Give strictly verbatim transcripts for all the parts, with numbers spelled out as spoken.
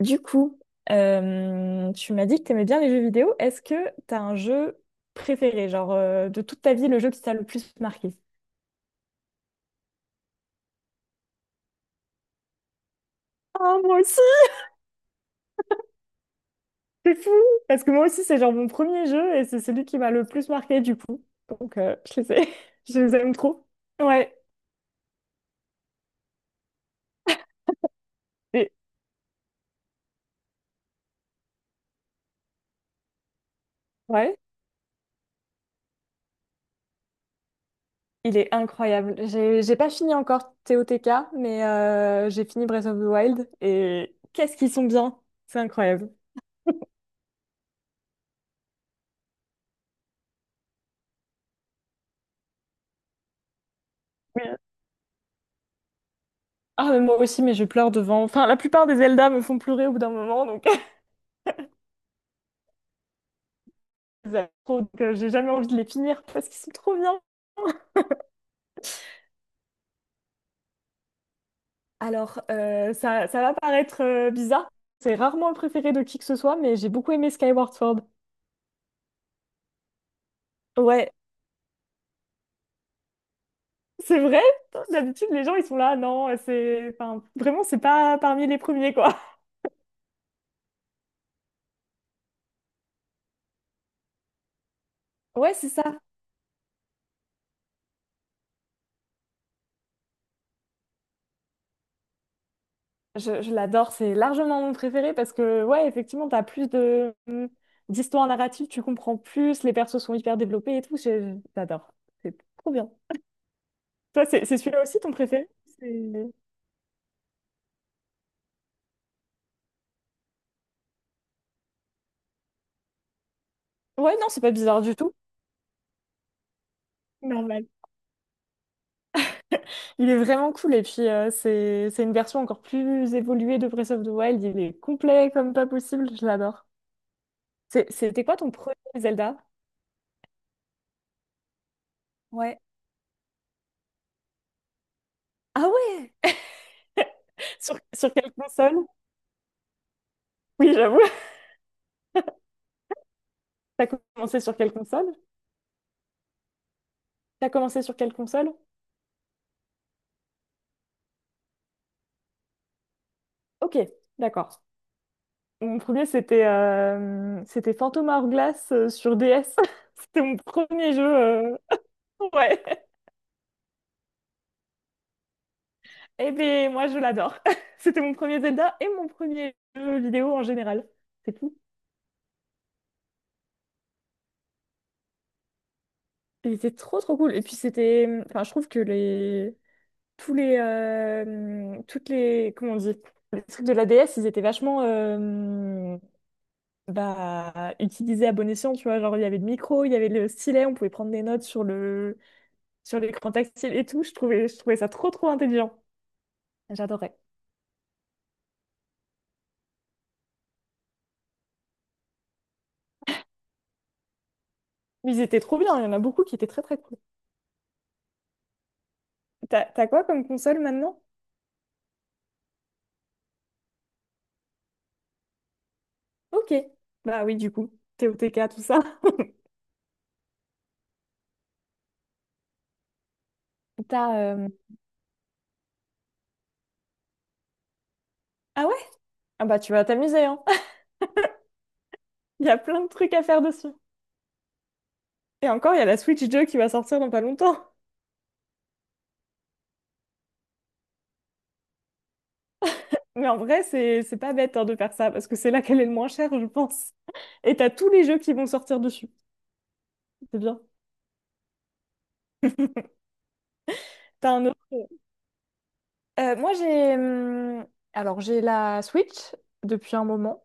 Du coup, euh, tu m'as dit que t'aimais bien les jeux vidéo. Est-ce que t'as un jeu préféré, genre euh, de toute ta vie, le jeu qui t'a le plus marqué? Ah, moi aussi! C'est fou! Parce que moi aussi, c'est genre mon premier jeu et c'est celui qui m'a le plus marqué du coup. Donc, euh, je les ai- je les aime trop. Ouais. Et- ouais. Il est incroyable. J'ai j'ai pas fini encore T O T K, mais euh, j'ai fini Breath of the Wild et qu'est-ce qu'ils sont bien! C'est incroyable. Ah, mais moi aussi, mais je pleure devant. Enfin, la plupart des Zelda me font pleurer au bout d'un moment, donc j'aime trop, donc, euh, j'ai jamais envie de les finir parce qu'ils sont trop bien. Alors, euh, ça, ça va paraître euh, bizarre. C'est rarement le préféré de qui que ce soit, mais j'ai beaucoup aimé Skyward Sword. Ouais, c'est vrai. D'habitude, les gens, ils sont là, non, c'est… Enfin, vraiment, c'est pas parmi les premiers, quoi. Ouais, c'est ça. Je, je l'adore, c'est largement mon préféré parce que, ouais, effectivement, t'as plus de d'histoire narrative, tu comprends plus, les persos sont hyper développés et tout, je- j'adore. C'est trop bien. Toi, c'est c'est celui-là aussi ton préféré? C'est- Ouais, non, c'est pas bizarre du tout. Normal. Il est vraiment cool et puis euh, c'est c'est une version encore plus évoluée de Breath of the Wild, il est complet comme pas possible, je l'adore. C'est- C'était quoi ton premier Zelda? Ouais. Ah ouais! Sur, sur quelle console? Oui, j'avoue. T'as commencé sur quelle console? T'as commencé sur quelle console? Ok, d'accord. Mon premier, c'était euh, c'était Fantôme hors glace euh, sur D S. C'était mon premier jeu. euh, Ouais. Eh bien, moi, je l'adore. C'était mon premier Zelda et mon premier jeu vidéo en général. C'est tout. Il était trop, trop cool. Et puis, c'était… Enfin, je trouve que les… Tous les… euh, Toutes les… Comment on dit? Les trucs de la D S, ils étaient vachement… euh, Bah, utilisés à bon escient, tu vois. Genre, il y avait le micro, il y avait le stylet, on pouvait prendre des notes sur le sur l'écran tactile et tout. Je trouvais, je trouvais ça trop, trop intelligent. J'adorais. Mais ils étaient trop bien, il y en a beaucoup qui étaient très, très cool. T'as, t'as quoi comme console maintenant? Ok. Bah oui, du coup, T O T K, tout ça. T'as, euh, Ah ouais? Ah bah tu vas t'amuser, hein. Il y a plein de trucs à faire dessus. Et encore, il y a la Switch deux qui va sortir dans pas longtemps. Mais en vrai, c'est c'est pas bête hein, de faire ça, parce que c'est là qu'elle est le moins chère, je pense. Et t'as tous les jeux qui vont sortir dessus. C'est bien. T'as un autre. Euh, moi, j'ai hum, alors j'ai la Switch depuis un moment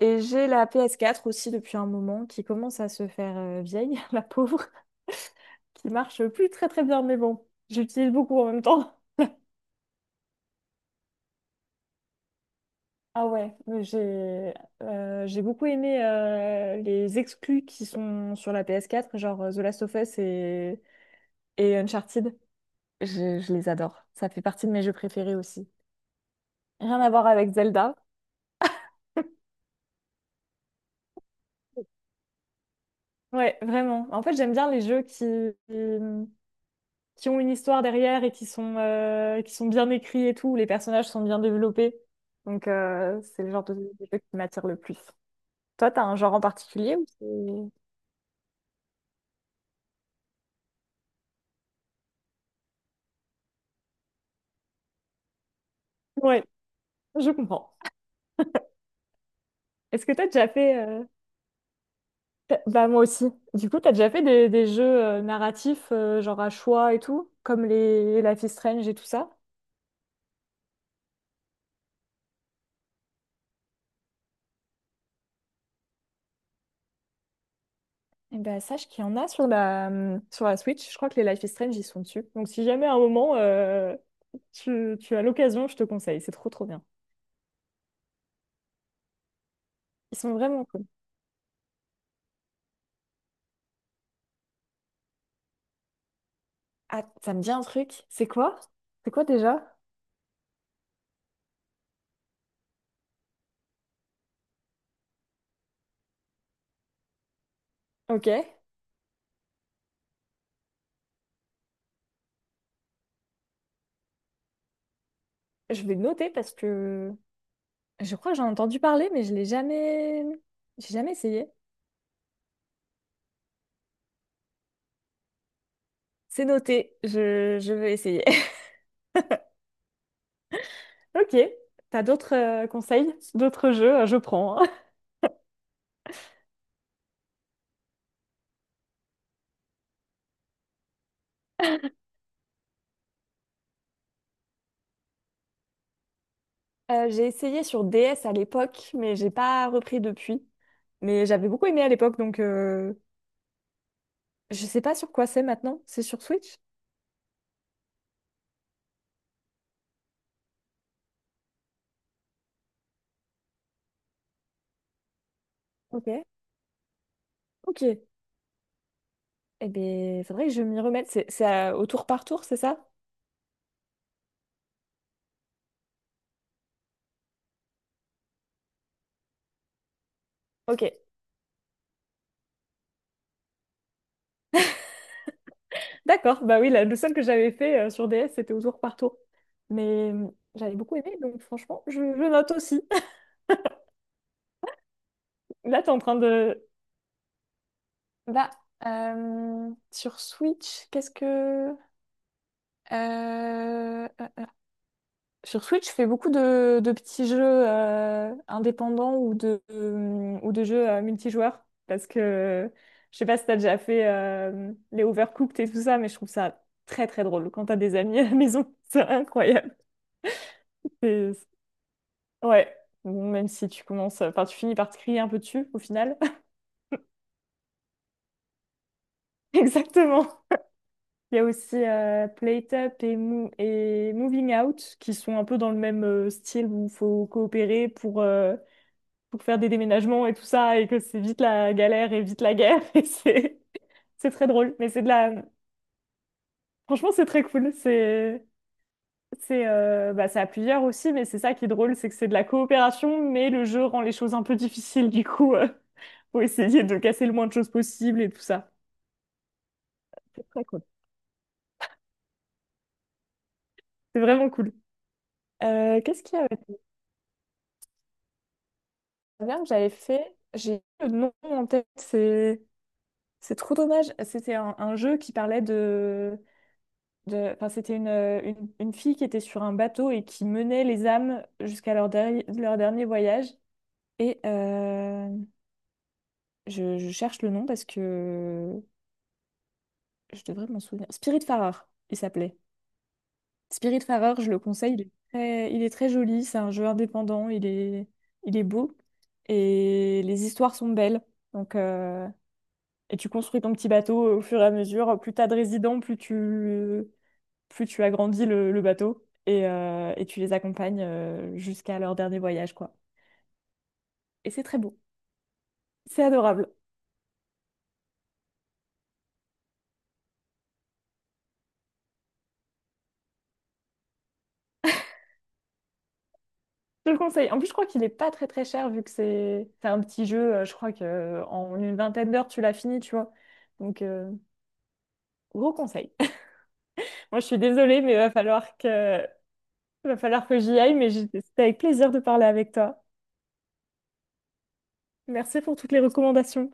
et j'ai la ps quatre aussi depuis un moment qui commence à se faire euh, vieille, la pauvre, qui marche plus très très bien, mais bon, j'utilise beaucoup en même temps. Ah ouais, mais j'ai euh, j'ai beaucoup aimé euh, les exclus qui sont sur la ps quatre genre euh, The Last of Us et, et Uncharted. Je, je les adore. Ça fait partie de mes jeux préférés aussi. Rien à voir avec Zelda. Ouais, vraiment. En fait, j'aime bien les jeux qui, mmh, qui ont une histoire derrière et qui sont, euh, qui sont bien écrits et tout, où les personnages sont bien développés. Donc, euh, c'est le genre de, de jeu qui m'attire le plus. Toi, t'as un genre en particulier ou c'est… Ouais, je comprends. Est-ce que t'as déjà fait… euh, t'as- Bah, moi aussi. Du coup, t'as déjà fait des, des jeux euh, narratifs, euh, genre à choix et tout, comme les Life is Strange et tout ça? Eh ben, sache qu'il y en a sur la, hum, sur la Switch. Je crois que les Life is Strange, ils sont dessus. Donc, si jamais à un moment, euh, tu, tu as l'occasion, je te conseille. C'est trop, trop bien. Ils sont vraiment cool. Ah, ça me dit un truc. C'est quoi? C'est quoi déjà? Ok. Je vais noter parce que je crois que j'en ai entendu parler, mais je l'ai jamais… J'ai jamais essayé. C'est noté. Je, je vais essayer. Ok. T'as d'autres euh, conseils? D'autres jeux? Je prends. Hein. Euh, j'ai essayé sur D S à l'époque, mais j'ai pas repris depuis. Mais j'avais beaucoup aimé à l'époque, donc euh, je sais pas sur quoi c'est maintenant. C'est sur Switch? Ok. Ok. Eh bien, faudrait que je m'y remette. C'est c'est à- au tour par tour, c'est ça? Ok. D'accord. Bah oui, la- le seul que j'avais fait euh, sur D S, c'était au tour par tour. Mais euh, j'avais beaucoup aimé, donc franchement, je, je note aussi. Là, t'es en train de… bah euh, sur Switch, qu'est-ce que… Euh, sur Switch, je fais beaucoup de, de petits jeux euh, indépendants ou de, euh, ou de jeux euh, multijoueurs parce que je sais pas si t'as déjà fait euh, les Overcooked et tout ça, mais je trouve ça très très drôle quand t'as des amis à la maison, c'est incroyable. C'est- Ouais, bon, même si tu commences, enfin tu finis par te crier un peu dessus au final. Exactement. Il y a aussi euh, Plate Up et, Mo- et Moving Out qui sont un peu dans le même euh, style où il faut coopérer pour euh, pour faire des déménagements et tout ça, et que c'est vite la galère et vite la guerre. Et c'est c'est très drôle. Mais c'est de la… Franchement, c'est très cool. C'est… C'est euh, bah, c'est à plusieurs aussi, mais c'est ça qui est drôle, c'est que c'est de la coopération, mais le jeu rend les choses un peu difficiles, du coup, euh, faut essayer de casser le moins de choses possible et tout ça. C'est très cool. C'est vraiment cool. Euh, qu'est-ce qu'il y avait de bien que j'avais fait? J'ai le nom en tête, c'est c'est trop dommage. C'était un, un jeu qui parlait de de- enfin, c'était une, euh, une, une fille qui était sur un bateau et qui menait les âmes jusqu'à leur, derri- leur dernier voyage. Et euh, je, je cherche le nom parce que je devrais m'en souvenir. Spirit il s'appelait. Spirit je le conseille. Il est très, il est très joli, c'est un jeu indépendant, il est, il est beau. Et les histoires sont belles. Donc, euh, et tu construis ton petit bateau au fur et à mesure. Plus t'as de résidents, plus tu, plus tu agrandis le, le bateau et, euh, et tu les accompagnes euh, jusqu'à leur dernier voyage, quoi. Et c'est très beau. C'est adorable. Je le conseille. En plus, je crois qu'il est pas très très cher vu que c'est c'est un petit jeu. euh, Je crois que euh, en une vingtaine d'heures, tu l'as fini, tu vois. Donc, euh, gros conseil. Moi, je suis désolée, mais va falloir que va falloir que j'y aille. Mais j'ai- c'était avec plaisir de parler avec toi. Merci pour toutes les recommandations.